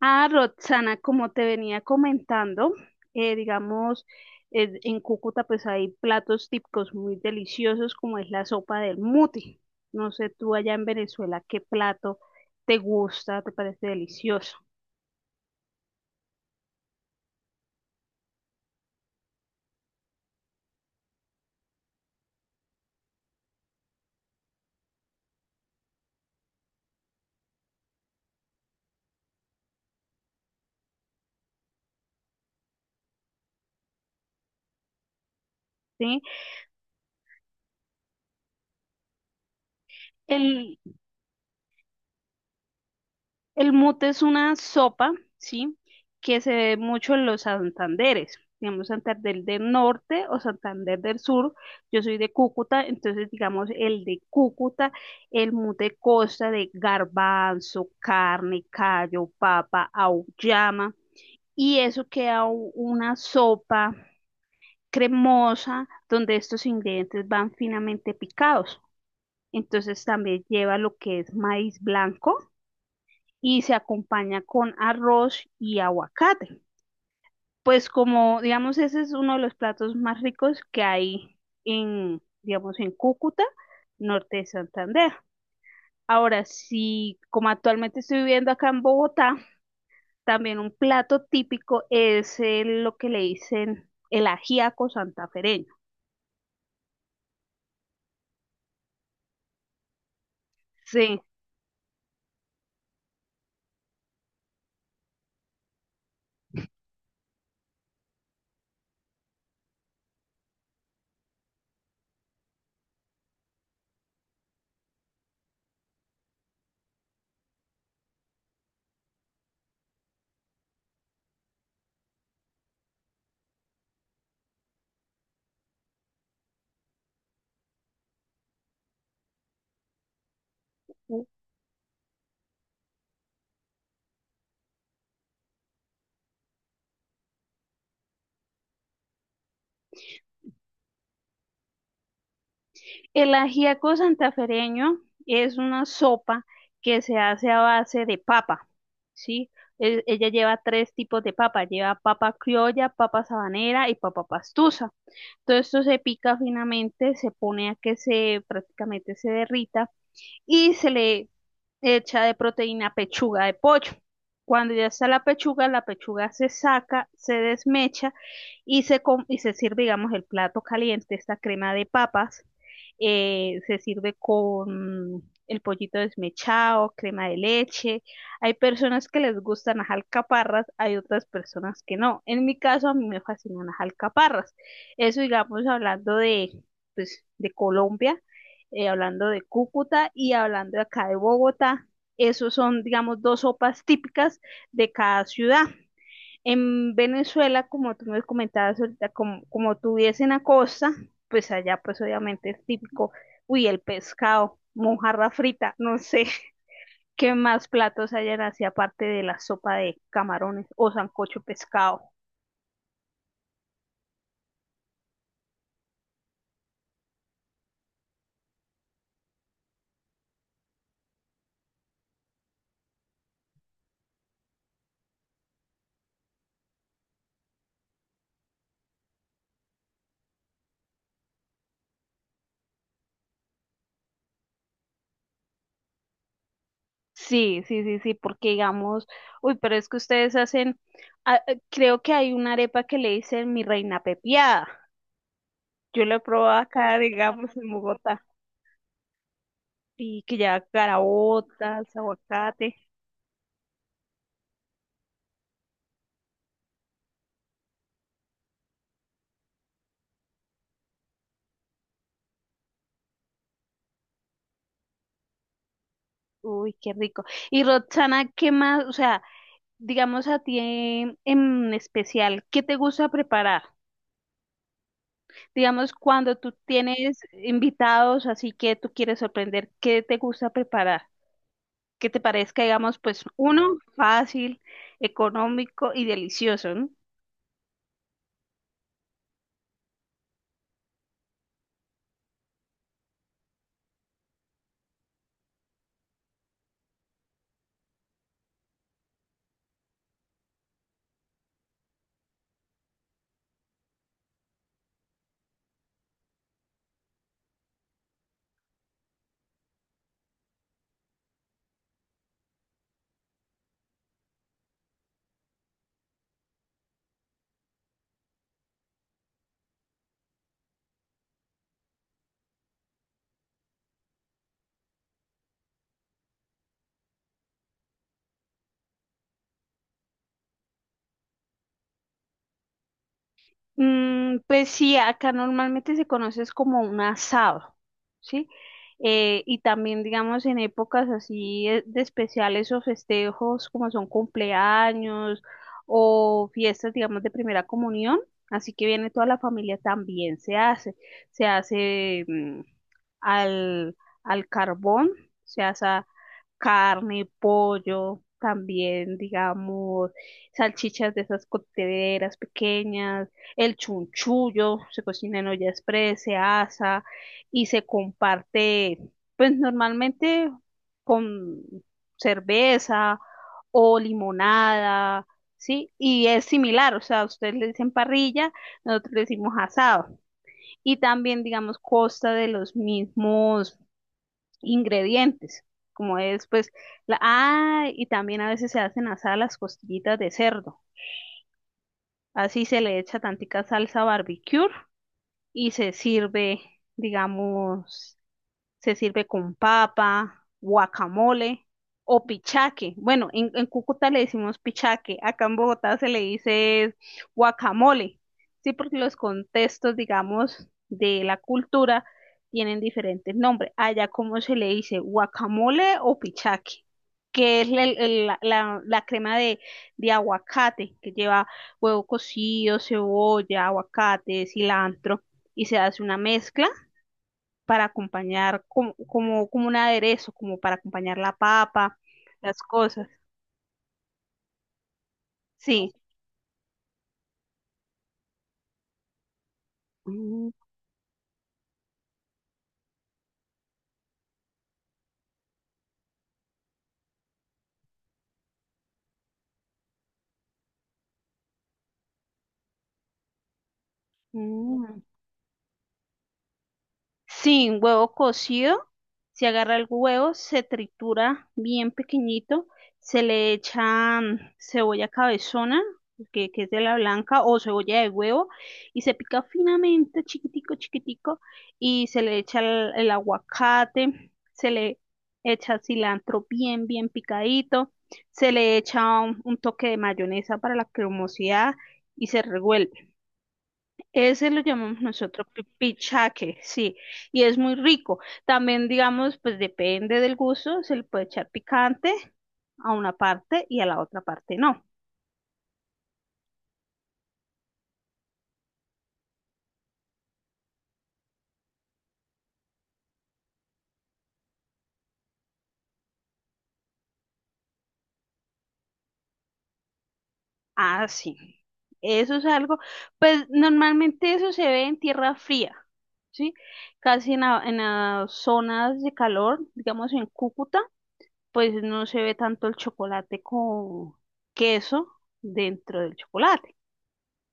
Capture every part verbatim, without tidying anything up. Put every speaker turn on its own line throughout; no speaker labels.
Ah, Roxana, como te venía comentando, eh, digamos, eh, en Cúcuta pues hay platos típicos muy deliciosos como es la sopa del muti. No sé tú allá en Venezuela qué plato te gusta, te parece delicioso, ¿sí? El mute es una sopa, ¿sí? Que se ve mucho en los Santanderes, digamos Santander del Norte o Santander del Sur. Yo soy de Cúcuta, entonces digamos el de Cúcuta, el mute consta de garbanzo, carne, callo, papa, auyama, y eso queda u- una sopa cremosa donde estos ingredientes van finamente picados. Entonces también lleva lo que es maíz blanco y se acompaña con arroz y aguacate. Pues como, digamos, ese es uno de los platos más ricos que hay en, digamos, en Cúcuta, norte de Santander. Ahora, si como actualmente estoy viviendo acá en Bogotá, también un plato típico es el- lo que le dicen el ajiaco santafereño. Sí. El ajiaco santafereño es una sopa que se hace a base de papa, ¿sí? E- ella lleva tres tipos de papa, lleva papa criolla, papa sabanera y papa pastusa. Todo esto se pica finamente, se pone a que se prácticamente se derrita y se le hecha de proteína pechuga de pollo. Cuando ya está la pechuga, la pechuga se saca, se desmecha y se, com- y se sirve, digamos, el plato caliente, esta crema de papas. Eh, se sirve con el pollito desmechado, crema de leche. Hay personas que les gustan las alcaparras, hay otras personas que no. En mi caso, a mí me fascinan las alcaparras. Eso, digamos, hablando de, pues, de Colombia, eh, hablando de Cúcuta y hablando acá de Bogotá. Esos son, digamos, dos sopas típicas de cada ciudad. En Venezuela, como tú me comentabas ahorita, como, como tú vives en la costa, pues allá pues obviamente es típico, uy, el pescado, mojarra frita, no sé qué más platos hayan así aparte de la sopa de camarones o sancocho de pescado. Sí, sí, sí, sí, porque digamos, uy, pero es que ustedes hacen, ah, eh, creo que hay una arepa que le dicen mi reina pepiada. Yo la he probado acá, digamos, en Bogotá, y que lleva caraotas, aguacate, uy, qué rico. Y Roxana, ¿qué más? O sea, digamos a ti en, en especial, ¿qué te gusta preparar? Digamos, cuando tú tienes invitados, así que tú quieres sorprender, ¿qué te gusta preparar? Que te parezca, digamos, pues uno, fácil, económico y delicioso, ¿no? Mm, pues sí, acá normalmente se conoce es como un asado, ¿sí? Eh, y también, digamos, en épocas así eh, de especiales o festejos como son cumpleaños o fiestas, digamos, de primera comunión, así que viene toda la familia también se hace, se hace mm, al, al carbón, se hace carne, pollo, también, digamos, salchichas de esas cocteleras pequeñas, el chunchullo se cocina en olla express, se asa y se comparte, pues normalmente con cerveza o limonada, ¿sí? Y es similar, o sea, ustedes le dicen parrilla, nosotros le decimos asado. Y también, digamos, consta de los mismos ingredientes, como es, pues, la, ah, y también a veces se hacen asadas las costillitas de cerdo. Así se le echa tantica salsa barbecue y se sirve, digamos, se sirve con papa, guacamole o pichaque. Bueno, en, en Cúcuta le decimos pichaque, acá en Bogotá se le dice guacamole, sí, porque los contextos, digamos, de la cultura tienen diferentes nombres. Allá, ¿cómo se le dice? ¿Guacamole o pichaque? Que es la, el- la- la- la crema de, de aguacate, que lleva huevo cocido, cebolla, aguacate, cilantro, y se hace una mezcla para acompañar como, como, como un aderezo, como para acompañar la papa, las cosas. Sí. Mm, mm. Sin huevo cocido, se agarra el huevo, se tritura bien pequeñito, se le echa mm, cebolla cabezona, que, que es de la blanca, o cebolla de huevo, y se pica finamente, chiquitico, chiquitico, y se le echa el, el aguacate, se le echa cilantro bien, bien picadito, se le echa un, un toque de mayonesa para la cremosidad y se revuelve. Ese lo llamamos nosotros pi- pichaque, sí, y es muy rico. También, digamos, pues depende del gusto, se le puede echar picante a una parte y a la otra parte no. Ah, sí. Eso es algo, pues normalmente eso se ve en tierra fría, ¿sí? Casi en, la- en las zonas de calor, digamos en Cúcuta, pues no se ve tanto el chocolate con queso dentro del chocolate.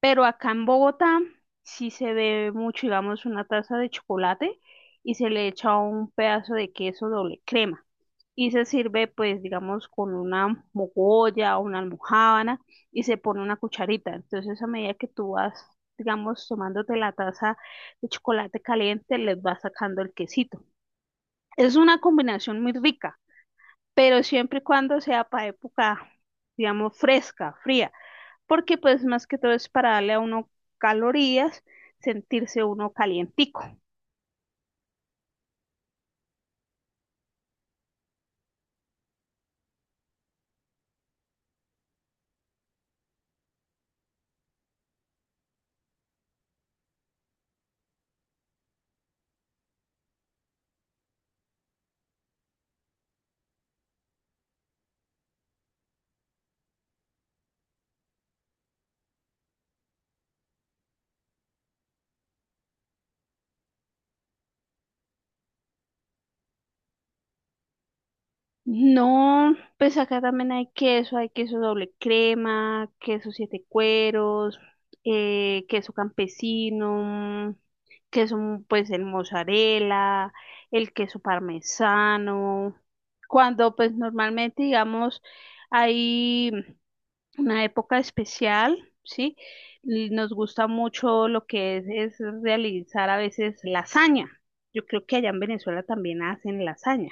Pero acá en Bogotá sí se bebe mucho, digamos, una taza de chocolate y se le echa un pedazo de queso doble crema. Y se sirve, pues, digamos, con una mogolla o una almojábana y se pone una cucharita. Entonces, a medida que tú vas, digamos, tomándote la taza de chocolate caliente, les vas sacando el quesito. Es una combinación muy rica, pero siempre y cuando sea para época, digamos, fresca, fría porque pues más que todo es para darle a uno calorías, sentirse uno calientico. No, pues acá también hay queso, hay queso doble crema, queso siete cueros, eh, queso campesino, queso mm, pues el mozzarella, el queso parmesano. Cuando pues normalmente digamos hay mm, una época especial, ¿sí? Y nos gusta mucho lo que es, es realizar a veces lasaña. Yo creo que allá en Venezuela también hacen lasaña.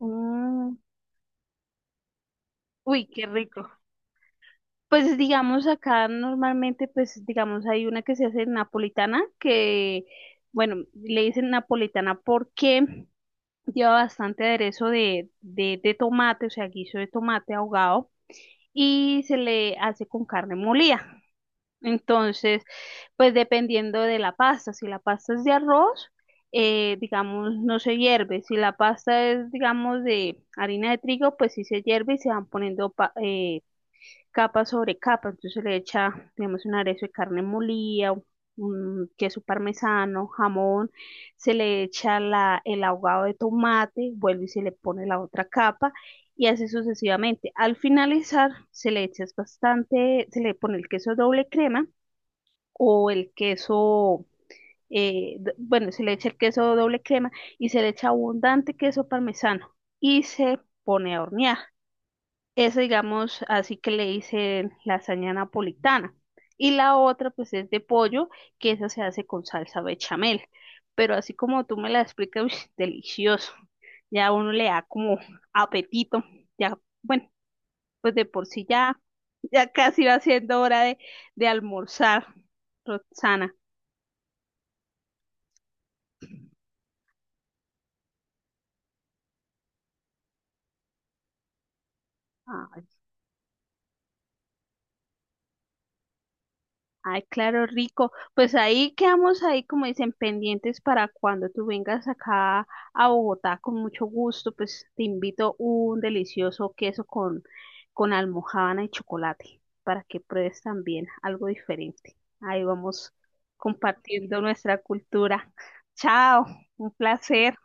Mm, uy, qué rico. Pues digamos acá normalmente, pues digamos hay una que se hace napolitana, que bueno, le dicen napolitana porque lleva bastante aderezo de, de, de tomate, o sea, guiso de tomate ahogado, y se le hace con carne molida. Entonces, pues dependiendo de la pasta, si la pasta es de arroz, eh, digamos, no se hierve. Si la pasta es, digamos, de harina de trigo, pues sí se hierve y se van poniendo pa- eh, capa sobre capa. Entonces se le echa, digamos, un aderezo de carne molida, un queso parmesano, jamón, se le echa la, el ahogado de tomate, vuelve y se le pone la otra capa y así sucesivamente. Al finalizar se le echa bastante, se le pone el queso doble crema o el queso, eh, d- bueno, se le echa el queso doble crema y se le echa abundante queso parmesano y se pone a hornear. Eso, digamos, así que le dicen lasaña napolitana. Y la otra, pues, es de pollo, que esa se hace con salsa bechamel. Pero así como tú me la explicas, uy, delicioso. Ya uno le da como apetito. Ya, bueno, pues de por sí ya, ya casi va siendo hora de, de almorzar, Roxana. Ay, claro, rico. Pues ahí quedamos ahí, como dicen, pendientes para cuando tú vengas acá a Bogotá con mucho gusto, pues te invito un delicioso queso con, con almojábana y chocolate para que pruebes también algo diferente. Ahí vamos compartiendo nuestra cultura. Chao, un placer.